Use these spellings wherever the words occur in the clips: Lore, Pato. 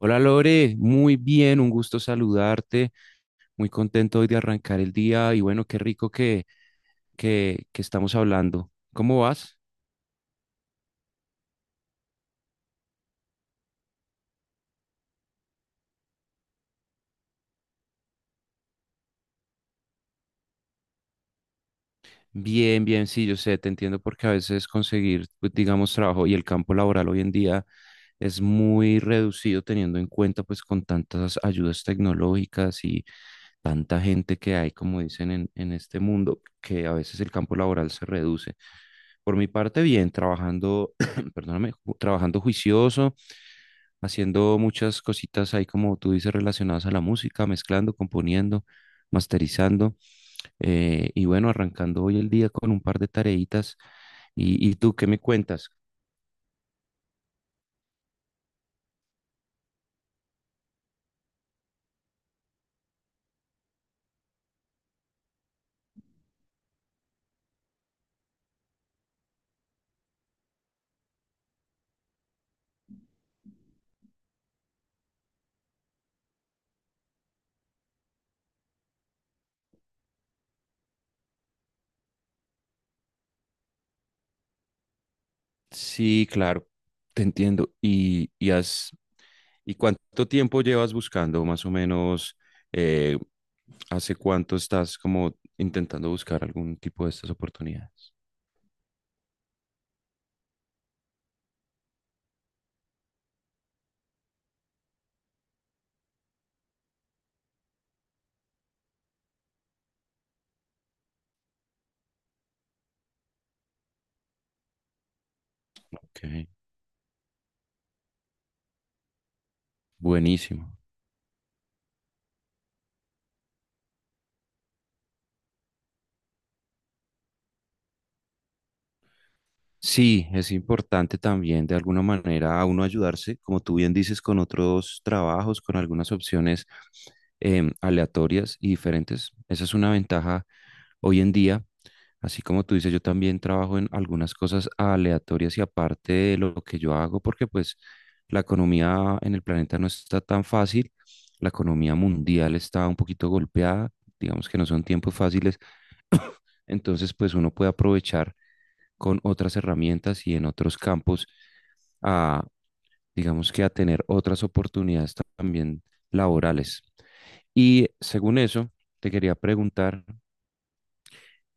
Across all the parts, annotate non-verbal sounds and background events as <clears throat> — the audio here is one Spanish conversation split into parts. Hola Lore, muy bien, un gusto saludarte, muy contento hoy de arrancar el día y bueno, qué rico que estamos hablando. ¿Cómo vas? Bien, bien, sí, yo sé, te entiendo porque a veces conseguir, pues, digamos, trabajo y el campo laboral hoy en día es muy reducido teniendo en cuenta pues con tantas ayudas tecnológicas y tanta gente que hay, como dicen en este mundo, que a veces el campo laboral se reduce. Por mi parte, bien, trabajando, <clears throat> perdóname, trabajando juicioso, haciendo muchas cositas ahí, como tú dices, relacionadas a la música, mezclando, componiendo, masterizando, y bueno, arrancando hoy el día con un par de tareitas. ¿Y tú qué me cuentas? Sí, claro, te entiendo. Y cuánto tiempo llevas buscando, más o menos, eh, hace cuánto estás como intentando buscar algún tipo de estas oportunidades? Ok. Buenísimo. Sí, es importante también de alguna manera a uno ayudarse, como tú bien dices, con otros trabajos, con algunas opciones aleatorias y diferentes. Esa es una ventaja hoy en día. Así como tú dices, yo también trabajo en algunas cosas aleatorias y aparte de lo que yo hago, porque pues la economía en el planeta no está tan fácil. La economía mundial está un poquito golpeada. Digamos que no son tiempos fáciles. Entonces, pues uno puede aprovechar con otras herramientas y en otros campos a, digamos que a tener otras oportunidades también laborales. Y según eso, te quería preguntar,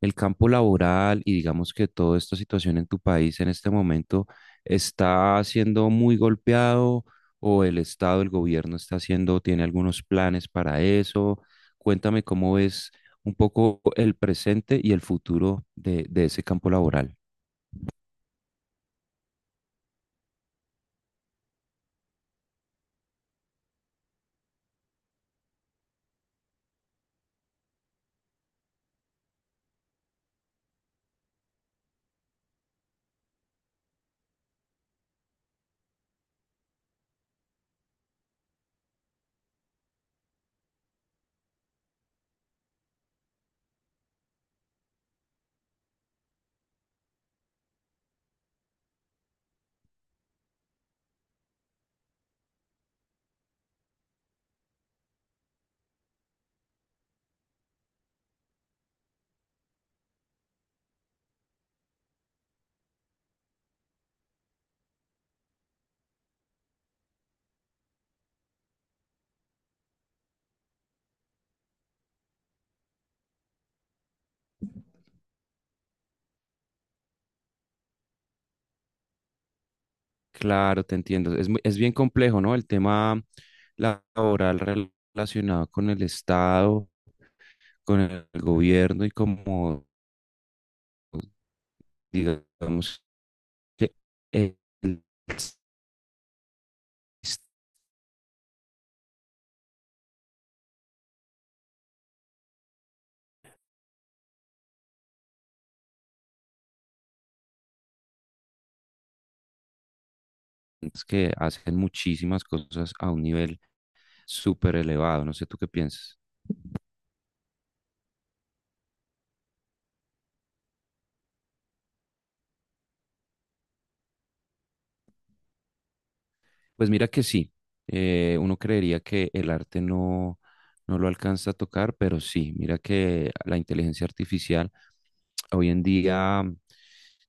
el campo laboral y digamos que toda esta situación en tu país en este momento está siendo muy golpeado o el Estado, el gobierno está haciendo, tiene algunos planes para eso. Cuéntame cómo es un poco el presente y el futuro de ese campo laboral. Claro, te entiendo. Es, es bien complejo, ¿no? El tema laboral relacionado con el Estado, con el gobierno y como, digamos, que el- sistemas que hacen muchísimas cosas a un nivel súper elevado. No sé tú qué piensas. Pues mira que sí. Uno creería que el arte no, no lo alcanza a tocar, pero sí. Mira que la inteligencia artificial hoy en día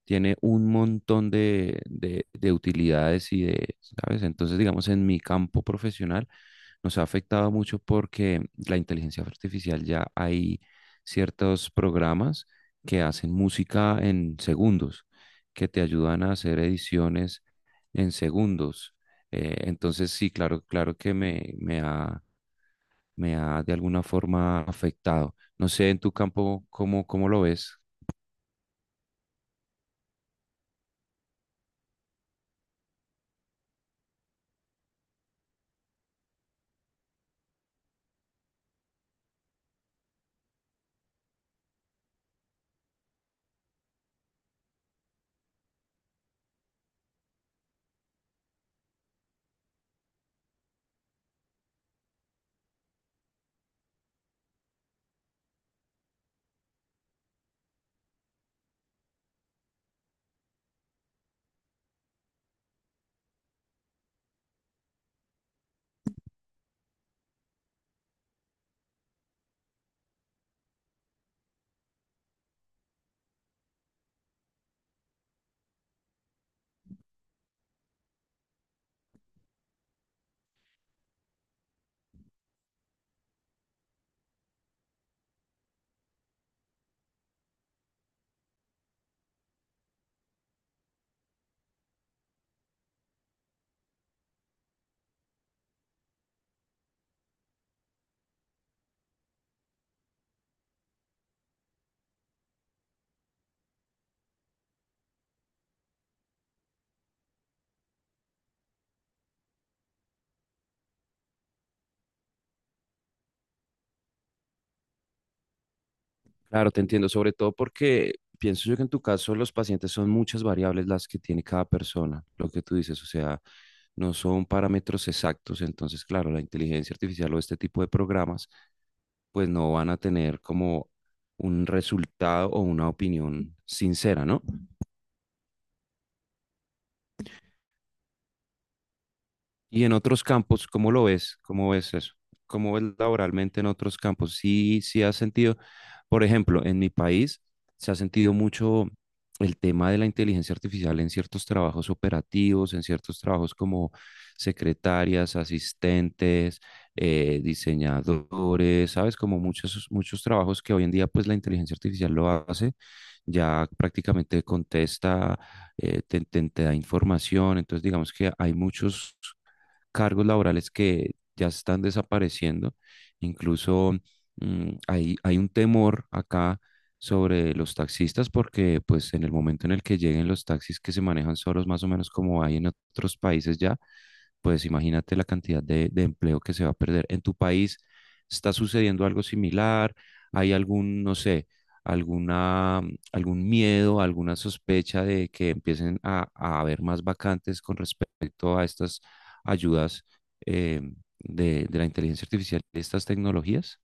tiene un montón de utilidades y de, ¿sabes? Entonces, digamos, en mi campo profesional nos ha afectado mucho porque la inteligencia artificial ya hay ciertos programas que hacen música en segundos, que te ayudan a hacer ediciones en segundos. Entonces, sí, claro, claro que me ha de alguna forma afectado. No sé, en tu campo, cómo lo ves? Claro, te entiendo, sobre todo porque pienso yo que en tu caso los pacientes son muchas variables las que tiene cada persona, lo que tú dices, o sea, no son parámetros exactos, entonces, claro, la inteligencia artificial o este tipo de programas, pues no van a tener como un resultado o una opinión sincera, ¿no? Y en otros campos, ¿cómo lo ves? ¿Cómo ves eso? ¿Cómo ves laboralmente en otros campos? Sí, sí has sentido, por ejemplo, en mi país se ha sentido mucho el tema de la inteligencia artificial en ciertos trabajos operativos, en ciertos trabajos como secretarias, asistentes, diseñadores, ¿sabes? Como muchos, muchos trabajos que hoy en día pues la inteligencia artificial lo hace, ya prácticamente contesta, te da información, entonces digamos que hay muchos cargos laborales que ya están desapareciendo. Incluso hay un temor acá sobre los taxistas porque pues en el momento en el que lleguen los taxis que se manejan solos más o menos como hay en otros países ya, pues imagínate la cantidad de empleo que se va a perder. ¿En tu país está sucediendo algo similar? ¿Hay algún, no sé, alguna, algún miedo, alguna sospecha de que empiecen a haber más vacantes con respecto a estas ayudas eh, de la inteligencia artificial, de estas tecnologías?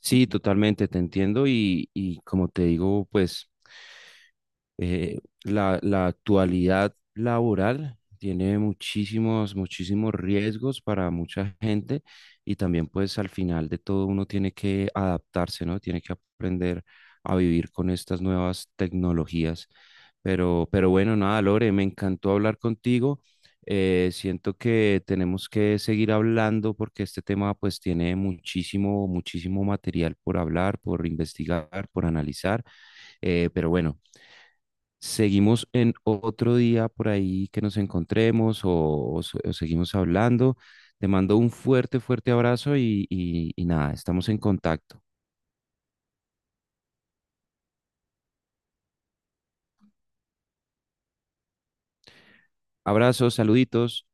Sí, totalmente, te entiendo y como te digo, pues la actualidad laboral tiene muchísimos, muchísimos riesgos para mucha gente y también pues al final de todo uno tiene que adaptarse, ¿no? Tiene que aprender a vivir con estas nuevas tecnologías. Pero bueno, nada, Lore, me encantó hablar contigo. Siento que tenemos que seguir hablando porque este tema pues tiene muchísimo, muchísimo material por hablar, por investigar, por analizar. Pero bueno, seguimos en otro día por ahí que nos encontremos o seguimos hablando. Te mando un fuerte, fuerte abrazo y nada, estamos en contacto. Abrazos, saluditos.